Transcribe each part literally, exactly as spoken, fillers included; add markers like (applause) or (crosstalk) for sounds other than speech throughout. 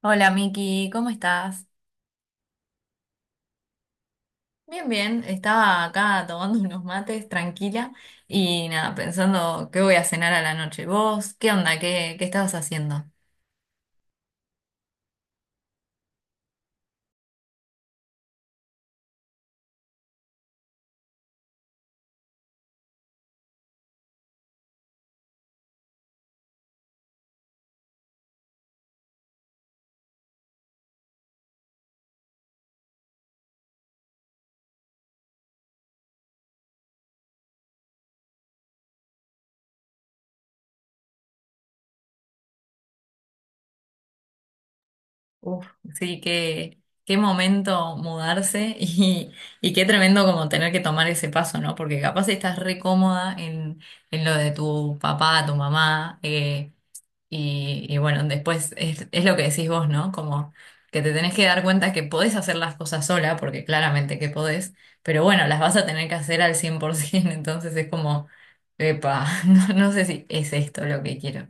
Hola Miki, ¿cómo estás? Bien, bien, estaba acá tomando unos mates tranquila y nada, pensando qué voy a cenar a la noche. ¿Vos qué onda? ¿Qué, qué estabas haciendo? Uf, sí, qué, qué momento mudarse (laughs) y, y qué tremendo como tener que tomar ese paso, ¿no? Porque capaz estás re cómoda en, en lo de tu papá, tu mamá. eh, Y, y bueno, después es, es lo que decís vos, ¿no? Como que te tenés que dar cuenta que podés hacer las cosas sola, porque claramente que podés, pero bueno, las vas a tener que hacer al cien por ciento. (laughs) Entonces es como, epa, (laughs) no, no sé si es esto lo que quiero.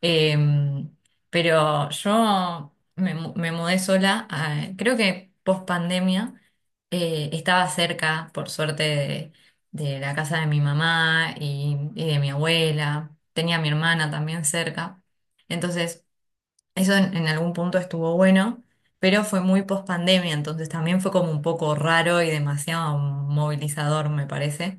Em, pero yo me, mu- me mudé sola. A- creo que post pandemia eh, estaba cerca, por suerte, de, de la casa de mi mamá y, y de mi abuela. Tenía a mi hermana también cerca. Entonces, eso en, en algún punto estuvo bueno, pero fue muy post pandemia, entonces también fue como un poco raro y demasiado movilizador, me parece.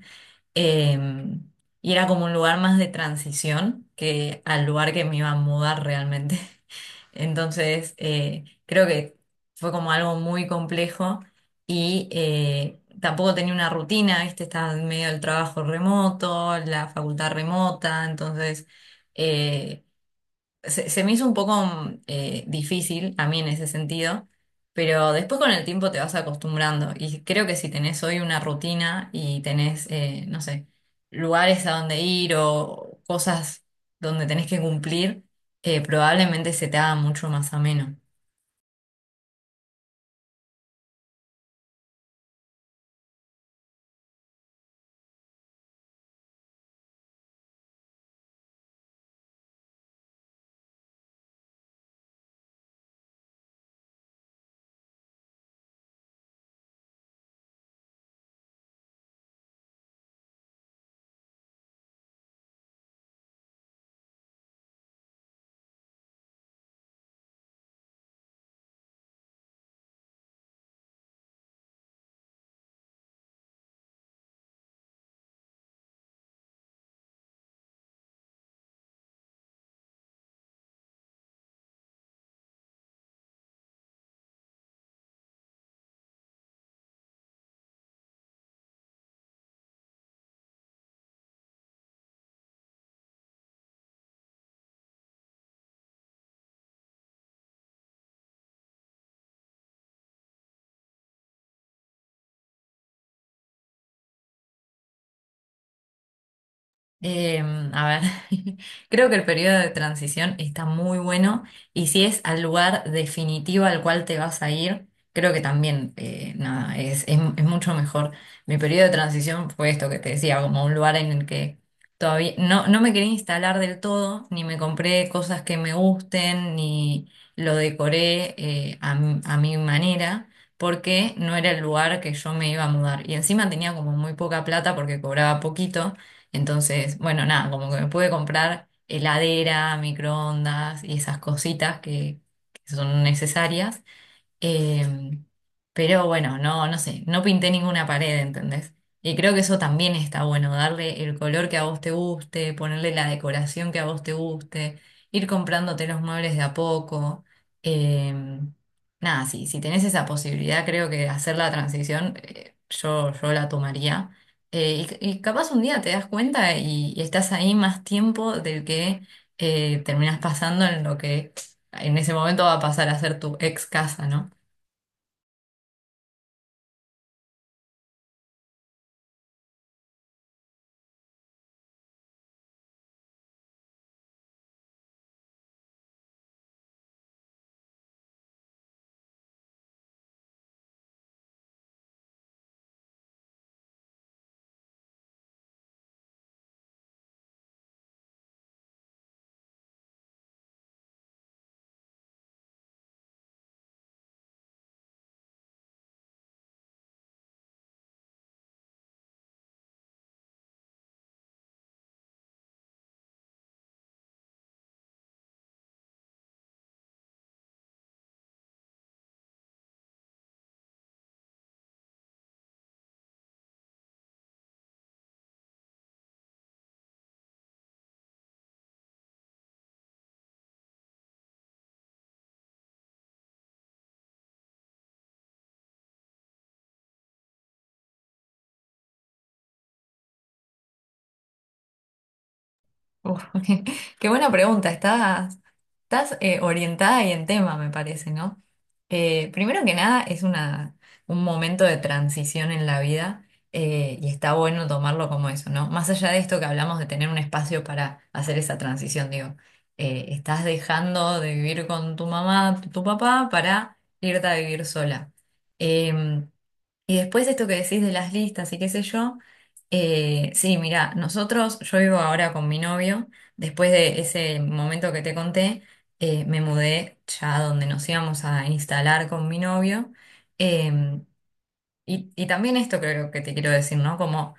Em, y era como un lugar más de transición que al lugar que me iba a mudar realmente. (laughs) Entonces, eh, creo que fue como algo muy complejo y eh, tampoco tenía una rutina, ¿viste? Estaba en medio del trabajo remoto, la facultad remota, entonces… eh, se, se me hizo un poco mm, eh, difícil a mí en ese sentido, pero después con el tiempo te vas acostumbrando y creo que si tenés hoy una rutina y tenés, eh, no sé, lugares a donde ir o cosas donde tenés que cumplir, eh, probablemente se te haga mucho más ameno. Eh, a ver, (laughs) creo que el periodo de transición está muy bueno y si es al lugar definitivo al cual te vas a ir, creo que también, eh, nada, es, es- es mucho mejor. Mi periodo de transición fue esto que te decía, como un lugar en el que todavía no, no me quería instalar del todo, ni me compré cosas que me gusten, ni lo decoré, eh, a, m- a mi manera, porque no era el lugar que yo me iba a mudar. Y encima tenía como muy poca plata porque cobraba poquito. Entonces, bueno, nada, como que me pude comprar heladera, microondas y esas cositas que, que son necesarias. Eh, pero bueno, no, no sé, no pinté ninguna pared, ¿entendés? Y creo que eso también está bueno, darle el color que a vos te guste, ponerle la decoración que a vos te guste, ir comprándote los muebles de a poco. Eh, Nada, sí, si tenés esa posibilidad, creo que hacer la transición, eh, yo, yo la tomaría. Eh, y, y capaz un día te das cuenta y, y estás ahí más tiempo del que eh, terminás pasando en lo que en ese momento va a pasar a ser tu ex casa, ¿no? Uf, (laughs) qué buena pregunta. Estás, estás eh, orientada y en tema, me parece, ¿no? Eh, primero que nada, es una, un momento de transición en la vida, eh, y está bueno tomarlo como eso, ¿no? Más allá de esto que hablamos de tener un espacio para hacer esa transición, digo, eh, estás dejando de vivir con tu mamá, tu papá, para irte a vivir sola. Em, y después esto que decís de las listas y qué sé yo, eh, sí, mira, nosotros, yo vivo ahora con mi novio, después de ese momento que te conté. Eh, me mudé ya a donde nos íbamos a instalar con mi novio. eh, y, y también esto creo que te quiero decir, ¿no? Como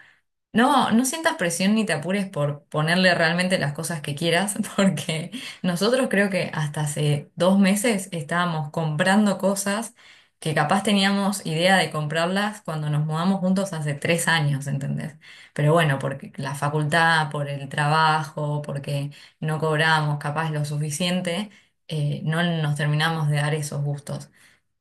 no, no sientas presión ni te apures por ponerle realmente las cosas que quieras, (laughs) porque nosotros creo que hasta hace dos meses estábamos comprando cosas que capaz teníamos idea de comprarlas cuando nos mudamos juntos hace tres años, ¿entendés? Pero bueno, porque la facultad, por el trabajo, porque no cobramos capaz lo suficiente, eh, no nos terminamos de dar esos gustos.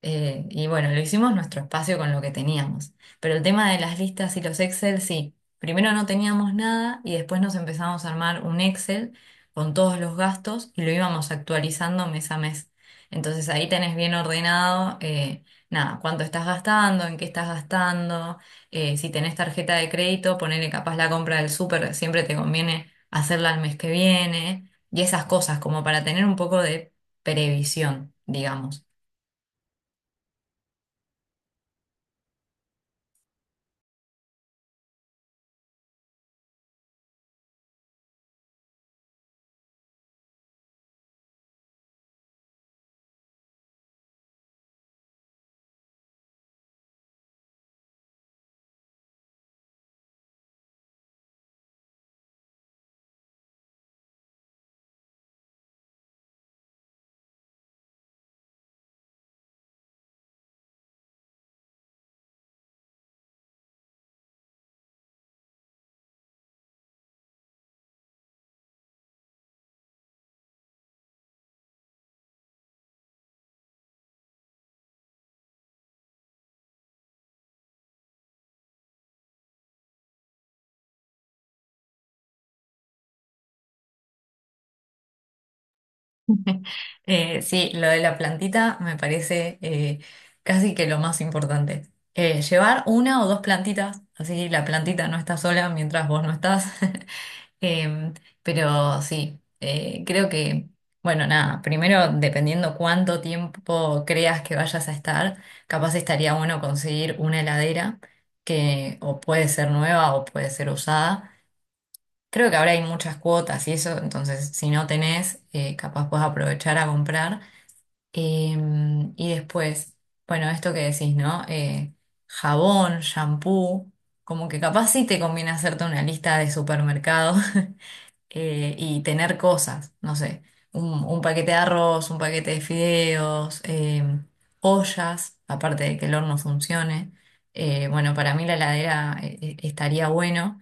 Eh, y bueno, lo hicimos nuestro espacio con lo que teníamos. Pero el tema de las listas y los Excel, sí. Primero no teníamos nada y después nos empezamos a armar un Excel con todos los gastos y lo íbamos actualizando mes a mes. Entonces ahí tenés bien ordenado, eh, nada, cuánto estás gastando, en qué estás gastando, eh, si tenés tarjeta de crédito, ponele capaz la compra del súper, siempre te conviene hacerla el mes que viene y esas cosas como para tener un poco de previsión, digamos. Eh, sí, lo de la plantita me parece eh, casi que lo más importante. Eh, llevar una o dos plantitas, así la plantita no está sola mientras vos no estás. (laughs) Em, pero sí, eh, creo que, bueno, nada, primero dependiendo cuánto tiempo creas que vayas a estar, capaz estaría bueno conseguir una heladera que o puede ser nueva o puede ser usada. Creo que ahora hay muchas cuotas y eso, entonces si no tenés, eh, capaz puedes aprovechar a comprar. Em, y después, bueno, esto que decís, ¿no? Eh, jabón, shampoo, como que capaz sí te conviene hacerte una lista de supermercado. (laughs) Eh, y tener cosas, no sé, un, un paquete de arroz, un paquete de fideos, em, ollas, aparte de que el horno funcione. Eh, bueno, para mí la heladera eh, eh, estaría bueno.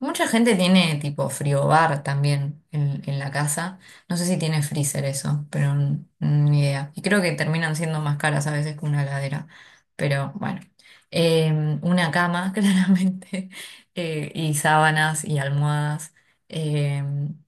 Mucha gente tiene tipo friobar también en, en la casa. No sé si tiene freezer eso, pero n- ni idea. Y creo que terminan siendo más caras a veces que una heladera. Pero bueno. Eh, una cama, (laughs) claramente, eh, y sábanas y almohadas. Em,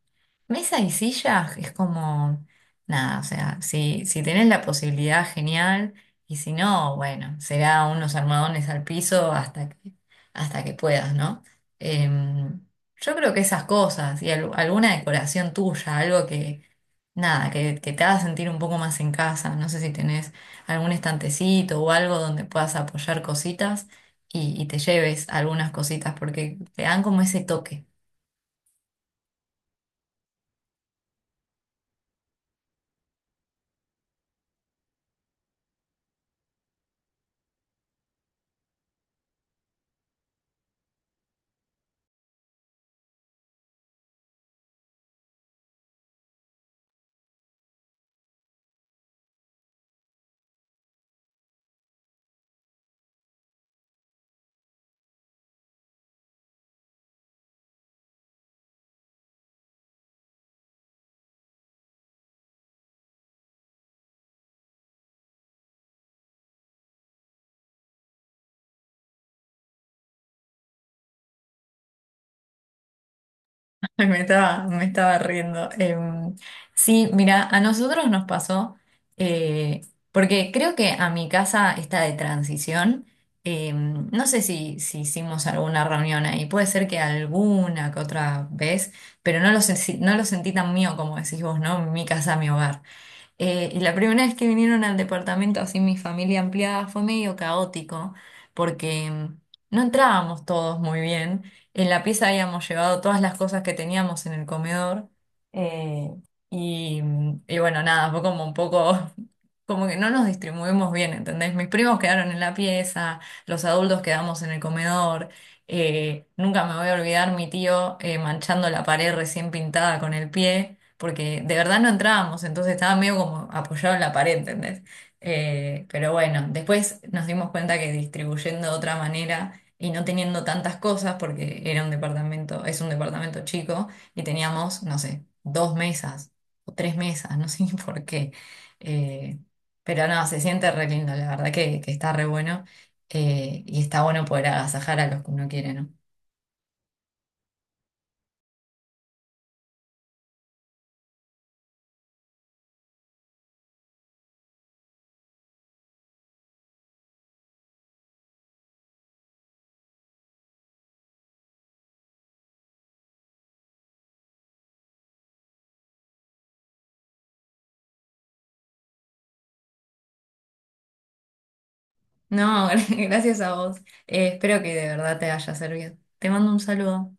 Mesa y sillas es como, nada, o sea, si, si tenés la posibilidad, genial, y si no, bueno, será unos armadones al piso hasta que, hasta que puedas, ¿no? Em, yo creo que esas cosas y al- alguna decoración tuya, algo que, nada, que, que te haga sentir un poco más en casa, no sé si tenés algún estantecito o algo donde puedas apoyar cositas y, y te lleves algunas cositas porque te dan como ese toque. (laughs) Me estaba, me estaba riendo. Em, sí, mira, a nosotros nos pasó, eh, porque creo que a mi casa está de transición. Em, no sé si, si hicimos alguna reunión ahí, puede ser que alguna que otra vez, pero no lo, sé si- no lo sentí tan mío como decís vos, ¿no? Mi casa, mi hogar. Eh, y la primera vez que vinieron al departamento, así mi familia ampliada, fue medio caótico, porque mm, no entrábamos todos muy bien. En la pieza habíamos llevado todas las cosas que teníamos en el comedor. eh, y, mm, y bueno, nada, fue como un poco, (laughs) como que no nos distribuimos bien, ¿entendés? Mis primos quedaron en la pieza, los adultos quedamos en el comedor. Eh, nunca me voy a olvidar mi tío eh, manchando la pared recién pintada con el pie porque de verdad no entrábamos, entonces estaba medio como apoyado en la pared, ¿entendés? Eh, pero bueno, después nos dimos cuenta que distribuyendo de otra manera y no teniendo tantas cosas, porque era un departamento, es un departamento chico, y teníamos, no sé, dos mesas o tres mesas, (laughs) no sé ni por qué. Eh, pero no, se siente re lindo, la verdad que, que está re bueno, eh, y está bueno poder agasajar a los que uno quiere, ¿no? No, (laughs) gracias a vos. Eh, espero que de verdad te haya servido. Te mando un saludo.